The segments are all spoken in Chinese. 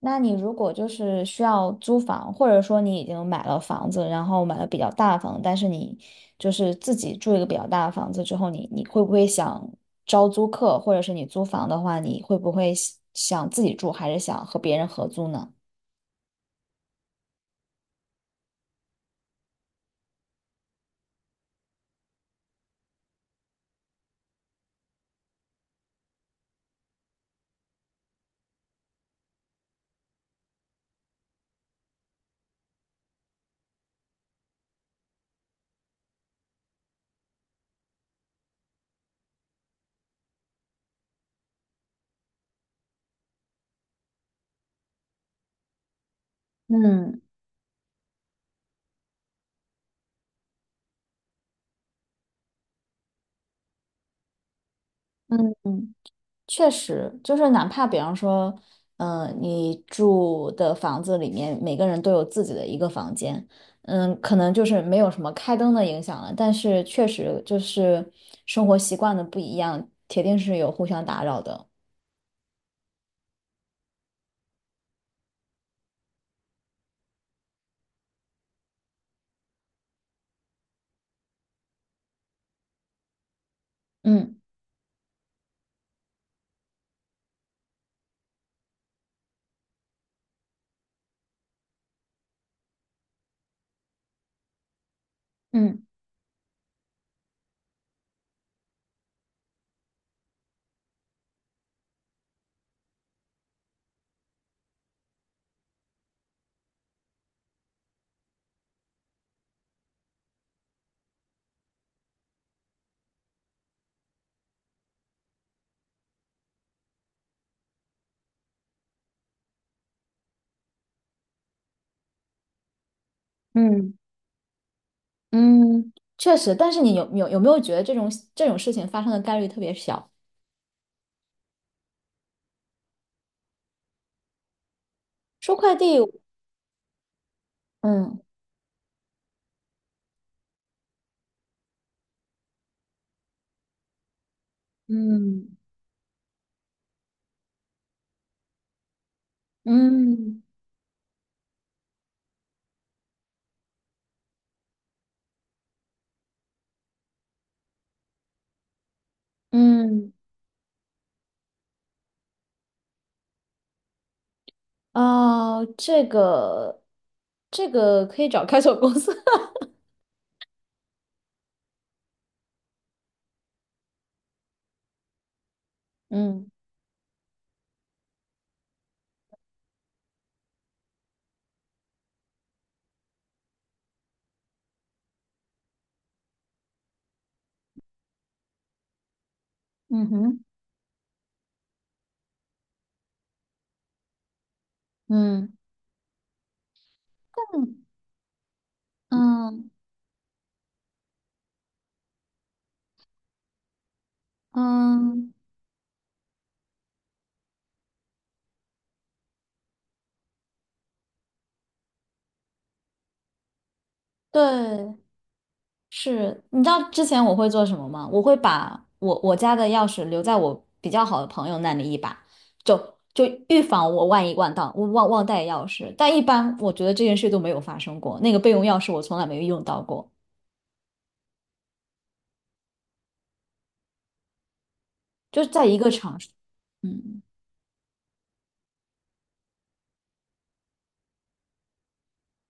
那你如果就是需要租房，或者说你已经买了房子，然后买了比较大的房子，但是你就是自己住一个比较大的房子之后，你会不会想招租客，或者是你租房的话，你会不会想自己住，还是想和别人合租呢？嗯嗯嗯。确实，就是哪怕比方说，你住的房子里面每个人都有自己的一个房间。可能就是没有什么开灯的影响了，但是确实就是生活习惯的不一样，铁定是有互相打扰的。嗯嗯嗯嗯，确实，但是你有没有觉得这种事情发生的概率特别小？收快递，嗯嗯嗯嗯。哦，这个可以找开锁公司。嗯嗯哼，嗯嗯嗯，对，是。你知道之前我会做什么吗？我会把我家的钥匙留在我比较好的朋友那里一把，就预防我万一我忘带钥匙。但一般我觉得这件事都没有发生过，那个备用钥匙我从来没有用到过，就是在一个场所，嗯，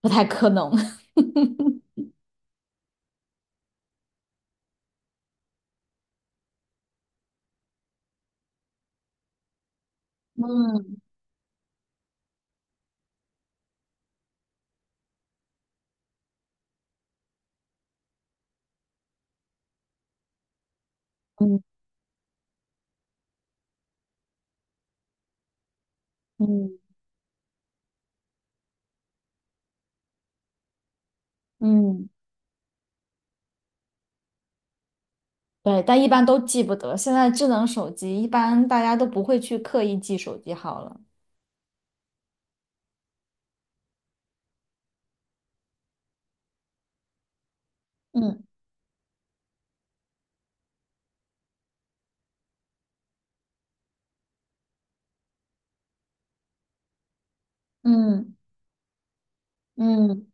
不太可能。嗯嗯嗯。嗯，对，但一般都记不得。现在智能手机一般大家都不会去刻意记手机号了。嗯嗯嗯，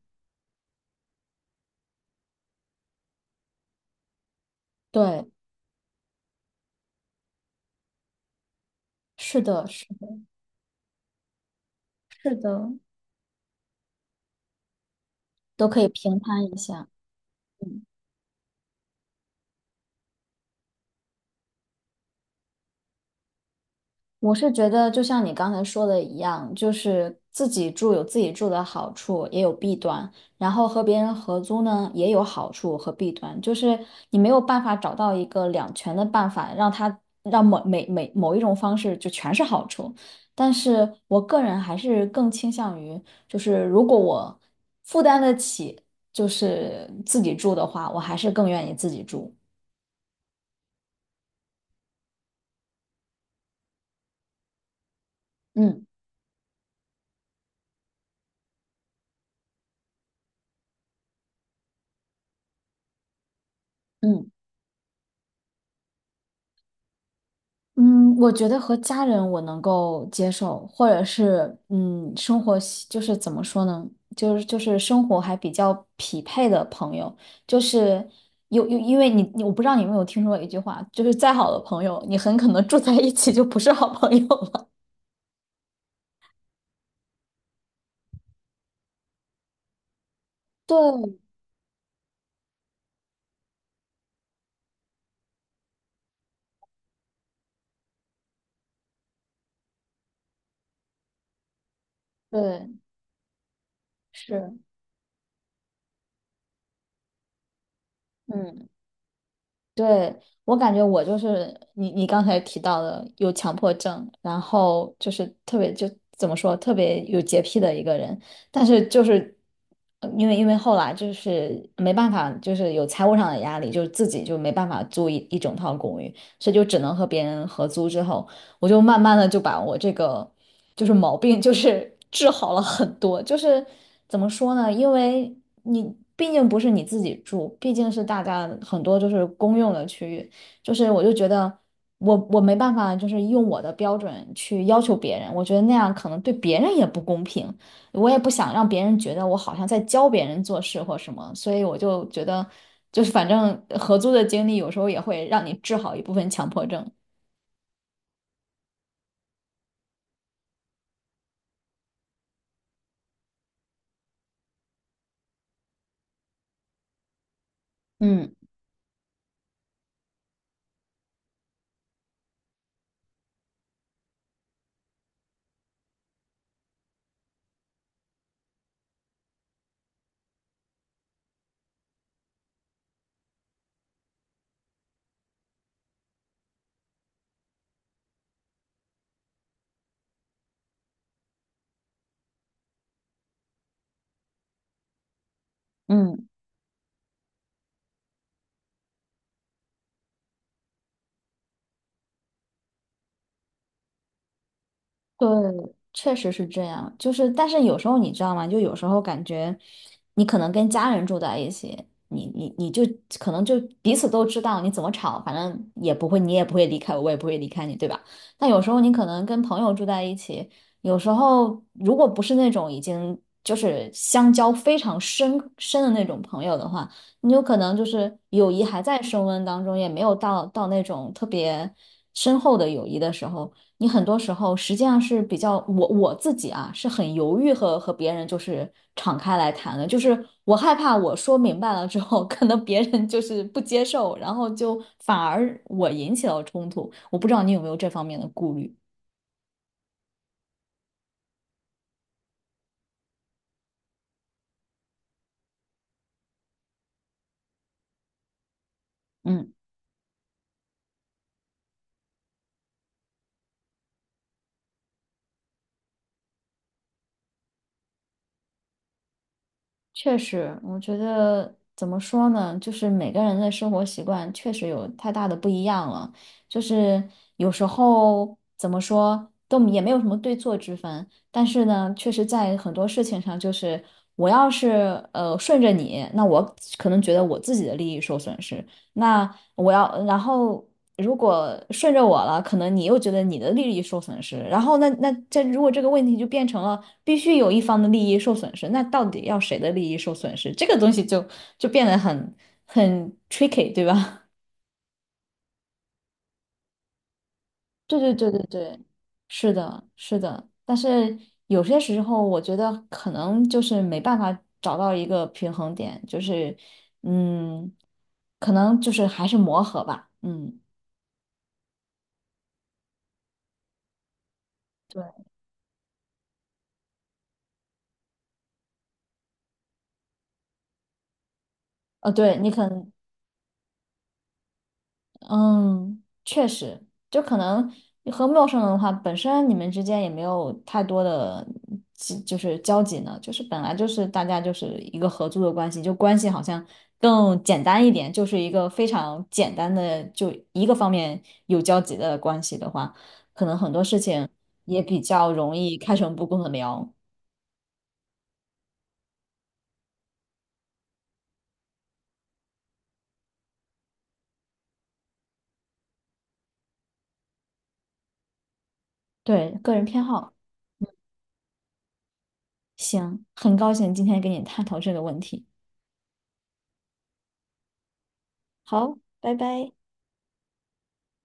对，是的，是的，是的，都可以平摊一下。嗯。我是觉得，就像你刚才说的一样，就是自己住有自己住的好处，也有弊端。然后和别人合租呢，也有好处和弊端，就是你没有办法找到一个两全的办法，让每一种方式就全是好处。但是我个人还是更倾向于，就是如果我负担得起，就是自己住的话，我还是更愿意自己住。嗯嗯。嗯，我觉得和家人我能够接受，或者是生活习就是怎么说呢，就是生活还比较匹配的朋友，就是有有，因为你我不知道你有没有听说过一句话，就是再好的朋友，你很可能住在一起就不是好朋友了。对对，是，嗯。对，我感觉我就是你刚才提到的有强迫症，然后就是特别就怎么说，特别有洁癖的一个人。但是就是因为后来就是没办法，就是有财务上的压力，就是自己就没办法租一整套公寓，所以就只能和别人合租之后。我就慢慢的就把我这个就是毛病就是 治好了很多，就是怎么说呢？因为你毕竟不是你自己住，毕竟是大家很多就是公用的区域，就是我就觉得我没办法就是用我的标准去要求别人，我觉得那样可能对别人也不公平，我也不想让别人觉得我好像在教别人做事或什么，所以我就觉得就是反正合租的经历有时候也会让你治好一部分强迫症。嗯嗯。对，确实是这样。就是，但是有时候你知道吗？就有时候感觉，你可能跟家人住在一起，你就可能就彼此都知道你怎么吵，反正也不会，你也不会离开我，我也不会离开你，对吧？但有时候你可能跟朋友住在一起，有时候如果不是那种已经就是相交非常深深的那种朋友的话，你有可能就是友谊还在升温当中，也没有到那种特别深厚的友谊的时候。你很多时候实际上是比较我自己啊，是很犹豫和别人就是敞开来谈的，就是我害怕我说明白了之后，可能别人就是不接受，然后就反而我引起了冲突。我不知道你有没有这方面的顾虑。嗯。确实，我觉得怎么说呢，就是每个人的生活习惯确实有太大的不一样了。就是有时候怎么说都也没有什么对错之分，但是呢，确实在很多事情上，就是我要是顺着你，那我可能觉得我自己的利益受损失；那我要，然后如果顺着我了，可能你又觉得你的利益受损失，然后这如果这个问题就变成了必须有一方的利益受损失，那到底要谁的利益受损失？这个东西就变得很 tricky，对吧？对对对对对，是的，是的，但是有些时候我觉得可能就是没办法找到一个平衡点，就是嗯，可能就是还是磨合吧，嗯。对。对，你可能嗯，确实，就可能你和陌生人的话，本身你们之间也没有太多的就是交集呢，就是本来就是大家就是一个合租的关系，就关系好像更简单一点，就是一个非常简单的，就一个方面有交集的关系的话，可能很多事情也比较容易开诚布公的聊。对，个人偏好，行，很高兴今天跟你探讨这个问题。好，拜拜。